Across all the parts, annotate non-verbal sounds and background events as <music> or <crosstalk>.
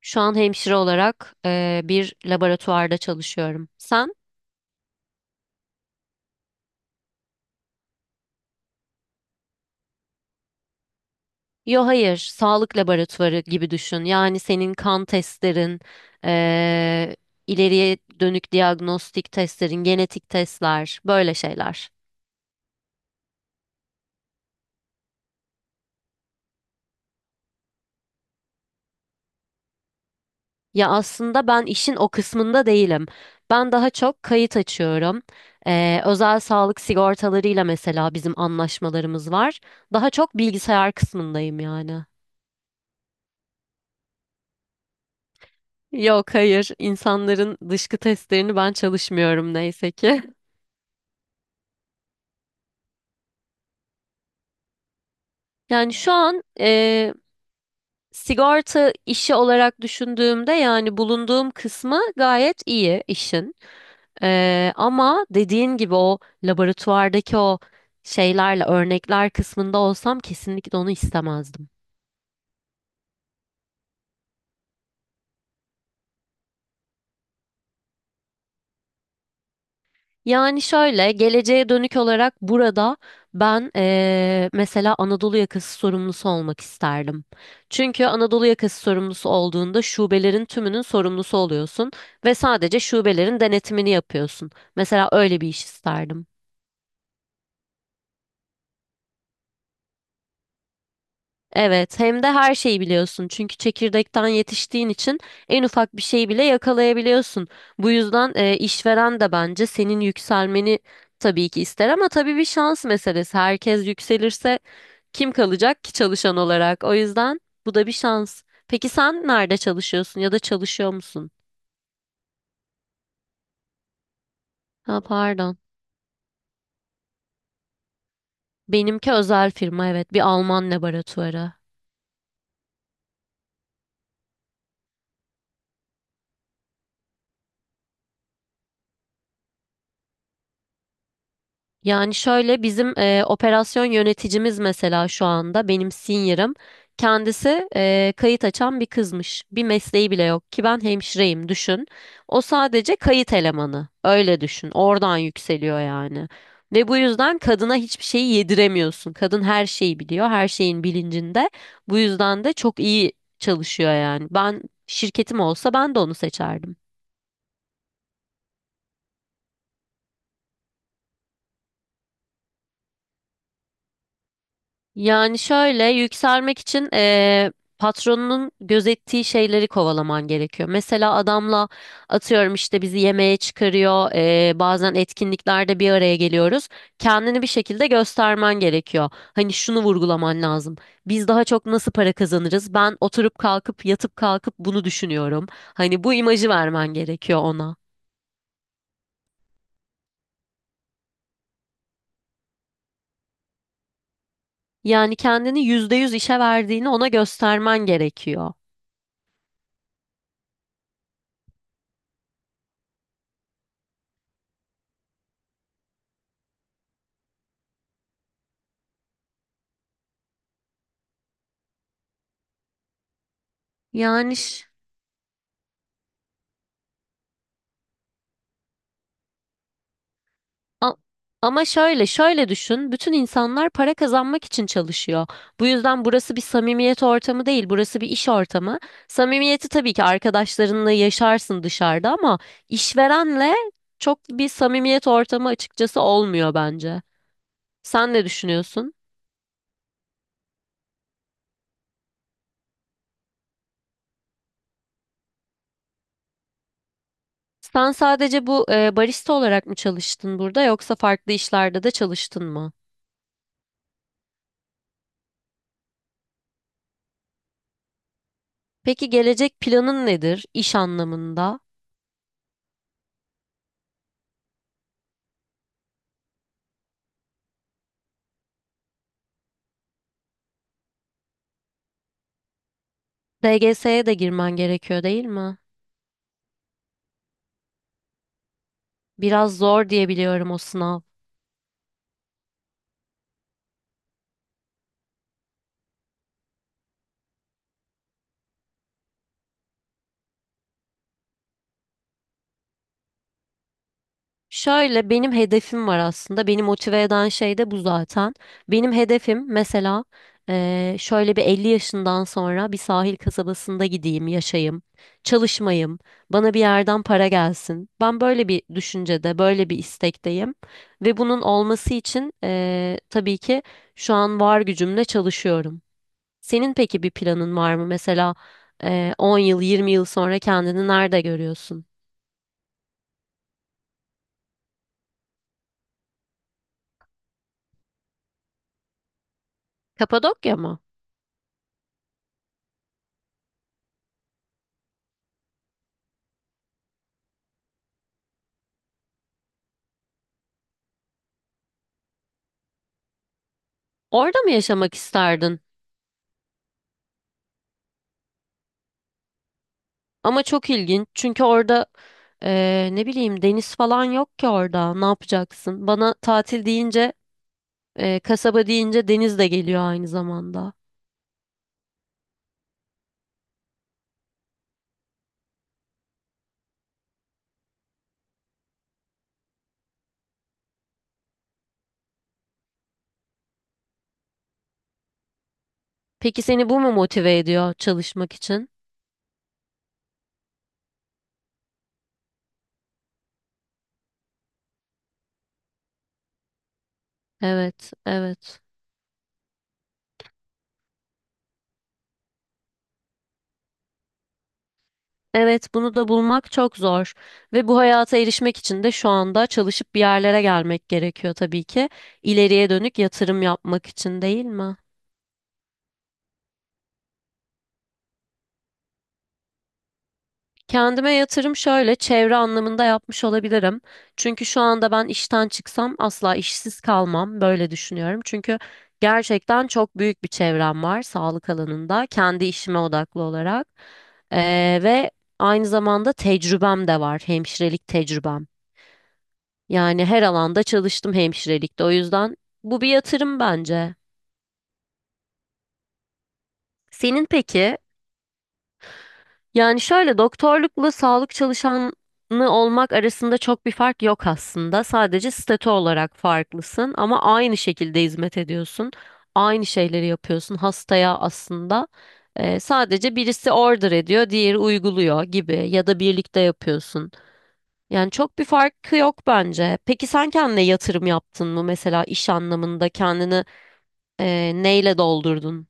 Şu an hemşire olarak bir laboratuvarda çalışıyorum. Sen? Yo hayır, sağlık laboratuvarı gibi düşün. Yani senin kan testlerin, eee, ileriye dönük diagnostik testlerin, genetik testler, böyle şeyler. Ya aslında ben işin o kısmında değilim. Ben daha çok kayıt açıyorum. Özel sağlık sigortalarıyla mesela bizim anlaşmalarımız var. Daha çok bilgisayar kısmındayım yani. Yok hayır insanların dışkı testlerini ben çalışmıyorum neyse ki. <laughs> Yani şu an sigorta işi olarak düşündüğümde yani bulunduğum kısmı gayet iyi işin. Ama dediğin gibi o laboratuvardaki o şeylerle örnekler kısmında olsam kesinlikle onu istemezdim. Yani şöyle geleceğe dönük olarak burada ben mesela Anadolu yakası sorumlusu olmak isterdim. Çünkü Anadolu yakası sorumlusu olduğunda şubelerin tümünün sorumlusu oluyorsun ve sadece şubelerin denetimini yapıyorsun. Mesela öyle bir iş isterdim. Evet, hem de her şeyi biliyorsun. Çünkü çekirdekten yetiştiğin için en ufak bir şeyi bile yakalayabiliyorsun. Bu yüzden işveren de bence senin yükselmeni tabii ki ister ama tabii bir şans meselesi. Herkes yükselirse kim kalacak ki çalışan olarak? O yüzden bu da bir şans. Peki sen nerede çalışıyorsun ya da çalışıyor musun? Ha pardon. Benimki özel firma evet, bir Alman laboratuvarı. Yani şöyle bizim operasyon yöneticimiz mesela şu anda benim senior'ım kendisi kayıt açan bir kızmış. Bir mesleği bile yok ki ben hemşireyim düşün. O sadece kayıt elemanı öyle düşün oradan yükseliyor yani. Ve bu yüzden kadına hiçbir şeyi yediremiyorsun. Kadın her şeyi biliyor her şeyin bilincinde. Bu yüzden de çok iyi çalışıyor yani. Ben şirketim olsa ben de onu seçerdim. Yani şöyle yükselmek için patronunun gözettiği şeyleri kovalaman gerekiyor. Mesela adamla atıyorum işte bizi yemeğe çıkarıyor, bazen etkinliklerde bir araya geliyoruz. Kendini bir şekilde göstermen gerekiyor. Hani şunu vurgulaman lazım. Biz daha çok nasıl para kazanırız? Ben oturup kalkıp yatıp kalkıp bunu düşünüyorum. Hani bu imajı vermen gerekiyor ona. Yani kendini %100 işe verdiğini ona göstermen gerekiyor. Yani ş- A- Ama şöyle düşün. Bütün insanlar para kazanmak için çalışıyor. Bu yüzden burası bir samimiyet ortamı değil, burası bir iş ortamı. Samimiyeti tabii ki arkadaşlarınla yaşarsın dışarıda ama işverenle çok bir samimiyet ortamı açıkçası olmuyor bence. Sen ne düşünüyorsun? Sen sadece bu barista olarak mı çalıştın burada yoksa farklı işlerde de çalıştın mı? Peki gelecek planın nedir iş anlamında? DGS'ye de girmen gerekiyor değil mi? Biraz zor diye biliyorum o sınav. Şöyle benim hedefim var aslında. Beni motive eden şey de bu zaten. Benim hedefim mesela şöyle bir 50 yaşından sonra bir sahil kasabasında gideyim, yaşayayım, çalışmayayım, bana bir yerden para gelsin. Ben böyle bir düşüncede, böyle bir istekteyim. Ve bunun olması için tabii ki şu an var gücümle çalışıyorum. Senin peki bir planın var mı? Mesela 10 yıl, 20 yıl sonra kendini nerede görüyorsun? Kapadokya mı? Orada mı yaşamak isterdin? Ama çok ilginç çünkü orada ne bileyim deniz falan yok ki orada. Ne yapacaksın? Bana tatil deyince, kasaba deyince deniz de geliyor aynı zamanda. Peki seni bu mu motive ediyor çalışmak için? Evet, evet. Evet, bunu da bulmak çok zor ve bu hayata erişmek için de şu anda çalışıp bir yerlere gelmek gerekiyor tabii ki. İleriye dönük yatırım yapmak için değil mi? Kendime yatırım şöyle çevre anlamında yapmış olabilirim. Çünkü şu anda ben işten çıksam asla işsiz kalmam böyle düşünüyorum. Çünkü gerçekten çok büyük bir çevrem var sağlık alanında kendi işime odaklı olarak. Ve aynı zamanda tecrübem de var hemşirelik tecrübem. Yani her alanda çalıştım hemşirelikte o yüzden bu bir yatırım bence. Senin peki? Yani şöyle doktorlukla sağlık çalışanı olmak arasında çok bir fark yok aslında. Sadece statü olarak farklısın ama aynı şekilde hizmet ediyorsun. Aynı şeyleri yapıyorsun hastaya aslında. Sadece birisi order ediyor, diğeri uyguluyor gibi ya da birlikte yapıyorsun. Yani çok bir farkı yok bence. Peki sen kendine yatırım yaptın mı mesela iş anlamında kendini neyle doldurdun?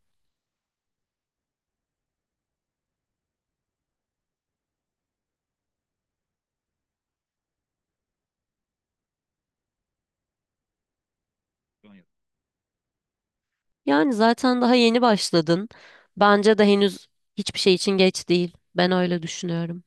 Yani zaten daha yeni başladın. Bence de henüz hiçbir şey için geç değil. Ben öyle düşünüyorum.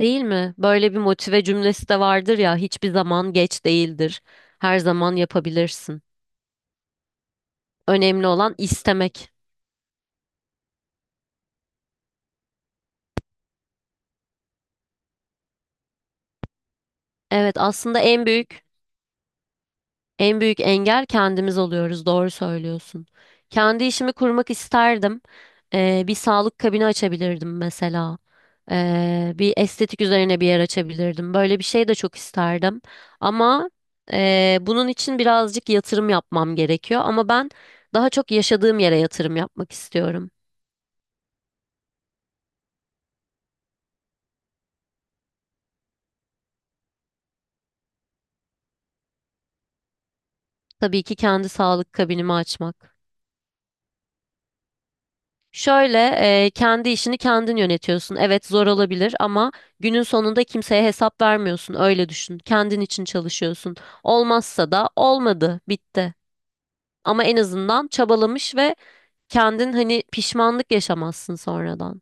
Değil mi? Böyle bir motive cümlesi de vardır ya, hiçbir zaman geç değildir. Her zaman yapabilirsin. Önemli olan istemek. Evet, aslında en büyük En büyük engel kendimiz oluyoruz. Doğru söylüyorsun. Kendi işimi kurmak isterdim. Bir sağlık kabini açabilirdim mesela. Bir estetik üzerine bir yer açabilirdim. Böyle bir şey de çok isterdim. Ama bunun için birazcık yatırım yapmam gerekiyor. Ama ben daha çok yaşadığım yere yatırım yapmak istiyorum. Tabii ki kendi sağlık kabinimi açmak. Şöyle kendi işini kendin yönetiyorsun. Evet zor olabilir ama günün sonunda kimseye hesap vermiyorsun. Öyle düşün. Kendin için çalışıyorsun. Olmazsa da olmadı, bitti. Ama en azından çabalamış ve kendin hani pişmanlık yaşamazsın sonradan.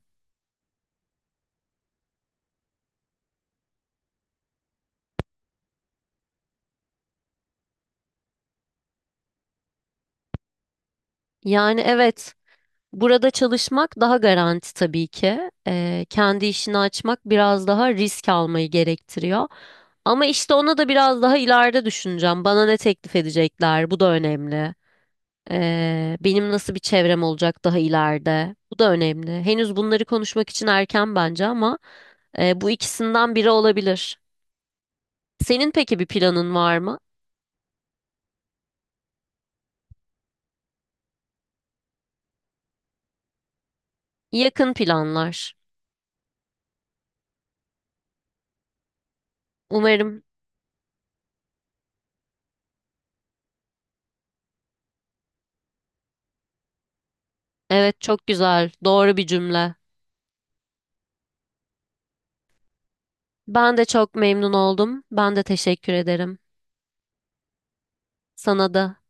Yani evet burada çalışmak daha garanti tabii ki. E, kendi işini açmak biraz daha risk almayı gerektiriyor. Ama işte onu da biraz daha ileride düşüneceğim. Bana ne teklif edecekler? Bu da önemli. Benim nasıl bir çevrem olacak daha ileride? Bu da önemli. Henüz bunları konuşmak için erken bence ama bu ikisinden biri olabilir. Senin peki bir planın var mı? Yakın planlar. Umarım. Evet, çok güzel. Doğru bir cümle. Ben de çok memnun oldum. Ben de teşekkür ederim. Sana da.